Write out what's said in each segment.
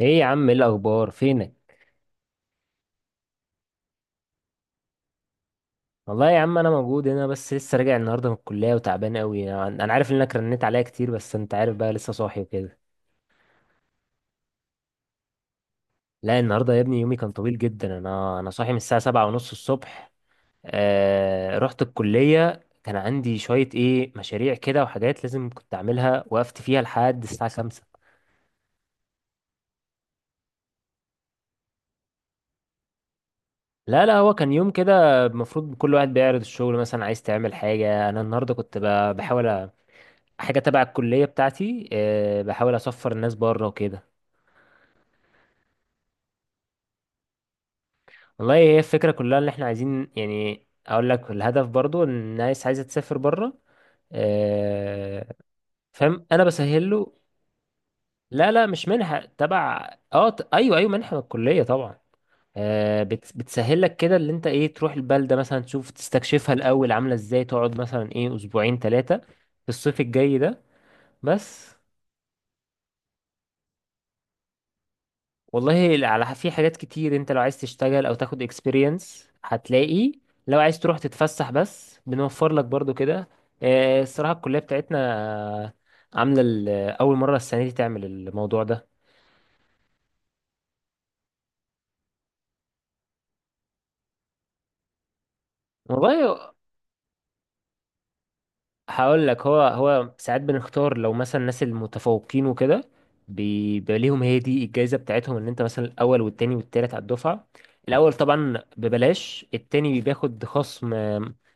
ايه يا عم، ايه الاخبار؟ فينك؟ والله يا عم انا موجود هنا بس لسه راجع النهارده من الكليه وتعبان قوي. أنا عارف انك رنيت عليا كتير، بس انت عارف بقى، لسه صاحي وكده. لا، النهارده يا ابني يومي كان طويل جدا. انا صاحي من الساعه 7:30 الصبح. رحت الكليه، كان عندي شويه مشاريع كده وحاجات لازم كنت اعملها، وقفت فيها لحد الساعه 5. لا، لا، هو كان يوم كده، المفروض كل واحد بيعرض الشغل، مثلا عايز تعمل حاجه. انا النهارده كنت بحاول حاجة تبع الكلية بتاعتي، بحاول أسفر الناس بره وكده. والله هي الفكرة كلها اللي احنا عايزين، يعني أقول لك الهدف برضو إن الناس عايزة تسافر بره. آه، فاهم، أنا بسهل له. لا، لا، مش منحة تبع أيوه، أيوه، منحة من الكلية طبعا. بتسهل لك كده، اللي انت تروح البلدة مثلا تشوف تستكشفها الأول عاملة ازاي، تقعد مثلا أسبوعين ثلاثة في الصيف الجاي ده بس. والله في حاجات كتير، انت لو عايز تشتغل او تاخد experience هتلاقي. لو عايز تروح تتفسح بس، بنوفر لك برضو كده. الصراحة الكلية بتاعتنا، آه، عاملة اول مرة السنة دي تعمل الموضوع ده. والله هقول لك، هو ساعات بنختار لو مثلا الناس المتفوقين وكده، بيبقى ليهم، هي دي الجائزة بتاعتهم، ان انت مثلا الاول والتاني والتالت على الدفعة. الاول طبعا ببلاش، التاني بياخد خصم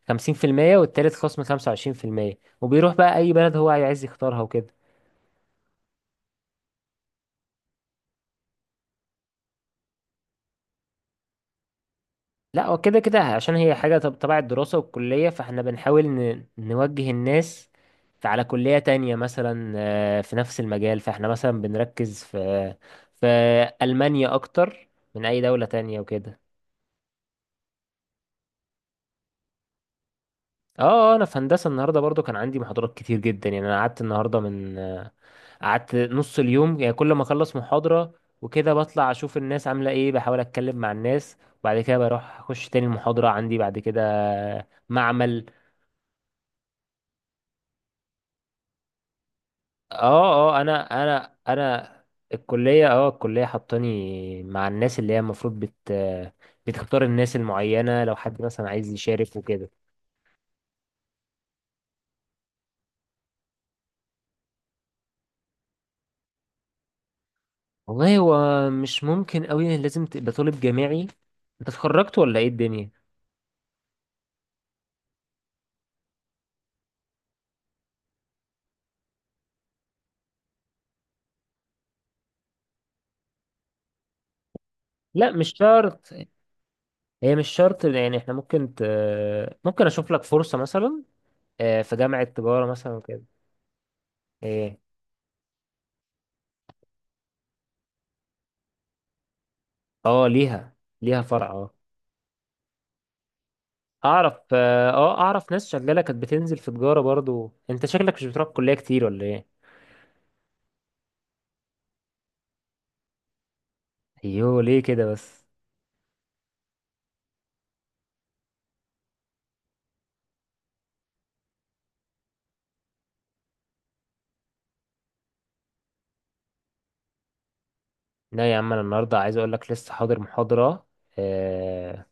50%، والتالت خصم 25%، وبيروح بقى اي بلد هو عايز يختارها وكده. لا، هو كده كده عشان هي حاجة تبع الدراسة والكلية، فاحنا بنحاول نوجه الناس على كلية تانية مثلا، في نفس المجال. فاحنا مثلا بنركز في ألمانيا أكتر من أي دولة تانية وكده. اه. أنا في هندسة. النهاردة برضو كان عندي محاضرات كتير جدا يعني. أنا قعدت النهاردة من آه، قعدت نص اليوم، يعني كل ما أخلص محاضرة وكده بطلع أشوف الناس عاملة إيه، بحاول أتكلم مع الناس، وبعد كده بروح أخش تاني المحاضرة عندي. بعد كده معمل. اه، اه، انا، الكليه حطاني مع الناس اللي هي المفروض بتختار الناس المعينه، لو حد مثلا عايز يشارك وكده. والله هو مش ممكن قوي، لازم تبقى طالب جامعي. انت اتخرجت ولا ايه الدنيا؟ لا، مش شرط. هي مش شرط يعني، احنا ممكن ممكن اشوف لك فرصه مثلا، في جامعه تجاره مثلا وكده. ايه؟ اه، ليها فرع. آه. اعرف، اعرف ناس شغاله كانت بتنزل في تجاره برضو. انت شكلك مش بتروح الكليه كتير ولا ايه؟ ايوه، ليه كده بس؟ لا يا عم، انا النهارده عايز اقول لك لسه حاضر محاضره. آه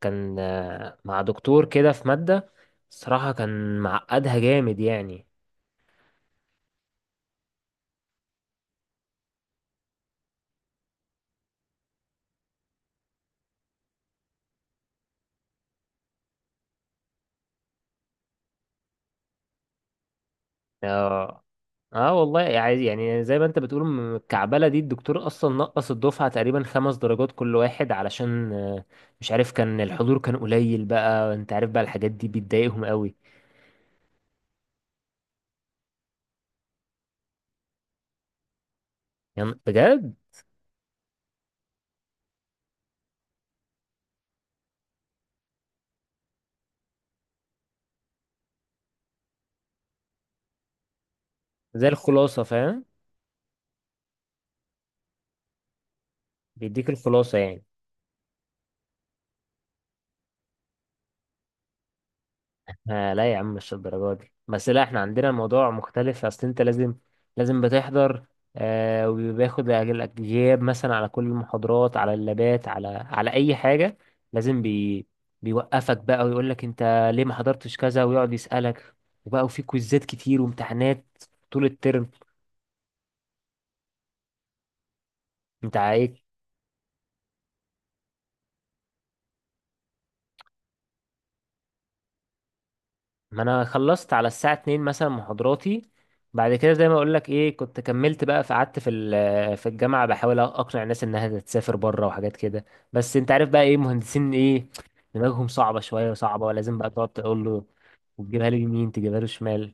كان مع دكتور كده في ماده. الصراحه كان معقدها جامد يعني. اه، اه، والله يعني زي ما انت بتقول، الكعبله دي الدكتور اصلا نقص الدفعه تقريبا 5 درجات كل واحد، علشان مش عارف كان الحضور كان قليل بقى، انت عارف بقى الحاجات دي بتضايقهم قوي. يعني بجد؟ زي الخلاصة فاهم. بيديك الخلاصة يعني. لا يا عم، مش الدرجة دي بس. لا، احنا عندنا الموضوع مختلف، اصل انت لازم بتحضر. وبياخد غياب مثلا على كل المحاضرات، على اللابات، على اي حاجة. لازم بي بيوقفك بقى ويقول لك انت ليه ما حضرتش كذا، ويقعد يسألك وبقى، وفي كويزات كتير وامتحانات طول الترم. انت ايه؟ ما انا خلصت على الساعة 2 مثلا محاضراتي، بعد كده زي ما اقول لك، كنت كملت بقى فقعدت في في الجامعة بحاول اقنع الناس انها تسافر بره وحاجات كده. بس انت عارف بقى، مهندسين دماغهم صعبة شوية صعبة، ولازم بقى تقعد تقول له، وتجيبها له يمين تجيبها له شمال.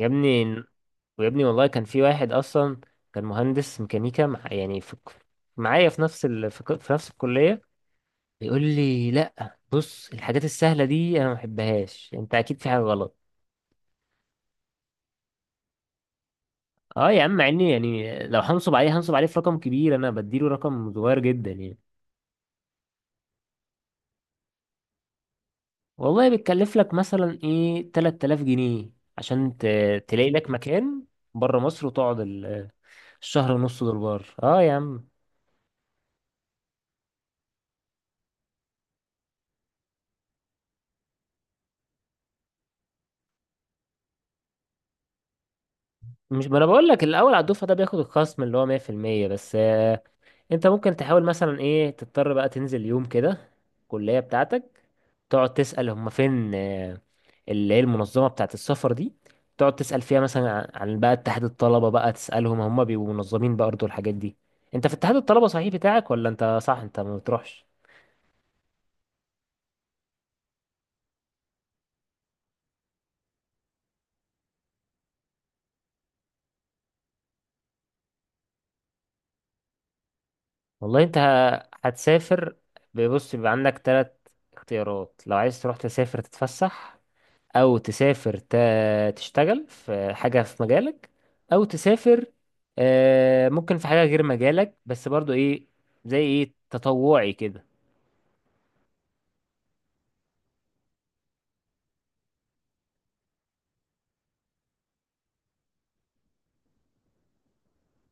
يا ابني، ويا ابني والله كان في واحد اصلا كان مهندس ميكانيكا، يعني في معايا في نفس في نفس الكلية. بيقول لي، لا بص الحاجات السهلة دي انا ما بحبهاش، انت اكيد في حاجة غلط. اه يا عم، مع اني يعني لو هنصب عليه، هنصب عليه في رقم كبير. انا بديله رقم صغير جدا يعني. والله بتكلف لك مثلا 3000 جنيه عشان تلاقي لك مكان بره مصر، وتقعد الشهر ونص دول بره. اه يا عم. مش، ما انا بقول لك الاول على الدفعه ده بياخد الخصم اللي هو 100% بس. انت ممكن تحاول مثلا تضطر بقى تنزل يوم كده الكلية بتاعتك، تقعد تسأل هما فين، اللي هي المنظمة بتاعت السفر دي، تقعد تسأل فيها مثلا عن بقى اتحاد الطلبة بقى، تسألهم هما بيبقوا منظمين برضه الحاجات دي. انت في اتحاد الطلبة صحيح بتاعك؟ ولا انت، صح، انت ما بتروحش؟ والله انت هتسافر. بص، بيبقى عندك 3 اختيارات، لو عايز تروح تسافر تتفسح، او تسافر تشتغل في حاجة في مجالك، او تسافر، ممكن في حاجة غير مجالك بس برضو زي تطوعي كده.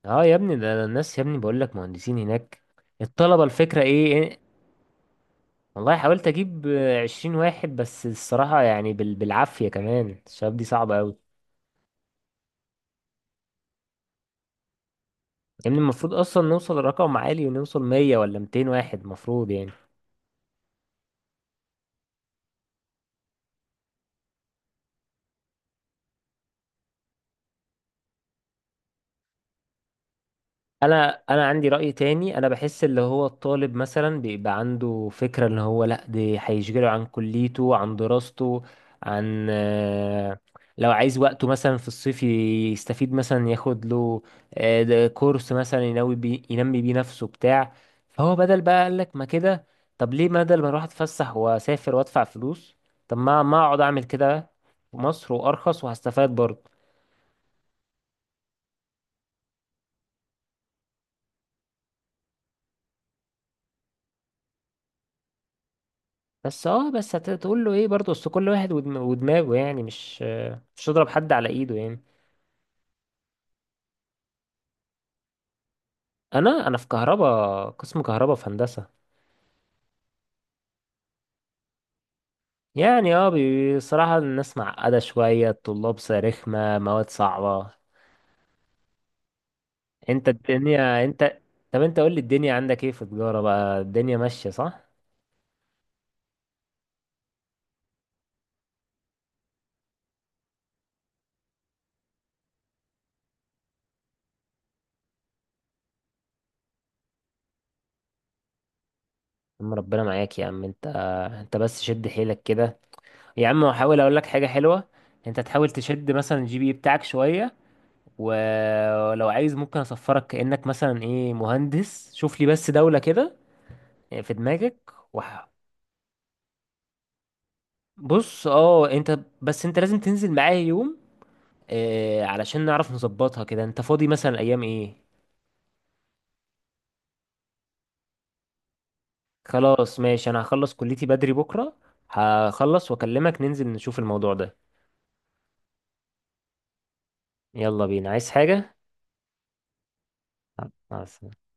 اه يا ابني، ده الناس يا ابني بقول لك، مهندسين هناك الطلبة. الفكرة إيه؟ والله حاولت اجيب 20 واحد بس، الصراحة يعني بالعافية، كمان الشباب دي صعبة اوي. يعني المفروض اصلا نوصل لرقم عالي، ونوصل 100 ولا 200 واحد، المفروض يعني. انا عندي رأي تاني. انا بحس اللي هو الطالب مثلا بيبقى عنده فكرة ان هو لا، دي هيشغله عن كليته عن دراسته عن آه، لو عايز وقته مثلا في الصيف يستفيد، مثلا ياخد له ده كورس مثلا ينوي بي ينمي بيه نفسه بتاع. فهو بدل بقى قال لك ما كده، طب ليه بدل ما اروح اتفسح واسافر وادفع فلوس، طب ما اقعد اعمل كده في مصر وارخص وهستفاد برضه. بس هتقول له ايه برضه، اصل كل واحد ودماغه يعني، مش تضرب حد على ايده يعني. انا في كهربا، قسم كهربا في هندسه. يعني اه، بصراحه الناس معقده شويه، الطلاب رخمه، مواد صعبه. انت الدنيا انت طب انت قول لي، الدنيا عندك ايه في تجاره بقى، الدنيا ماشيه صح؟ يا عم ربنا معاك يا عم. انت بس شد حيلك كده يا عم. حاول اقول لك حاجه حلوه، انت تحاول تشد مثلا الجي بي بتاعك شويه، ولو عايز ممكن اسفرك كأنك مثلا مهندس. شوف لي بس دولة كده، في دماغك بص، اه، انت لازم تنزل معايا يوم، علشان نعرف نظبطها كده. انت فاضي مثلا ايام ايه؟ خلاص ماشي، انا هخلص كليتي بدري بكرة. هخلص واكلمك، ننزل نشوف الموضوع ده. يلا بينا، عايز حاجة؟ مع السلامة.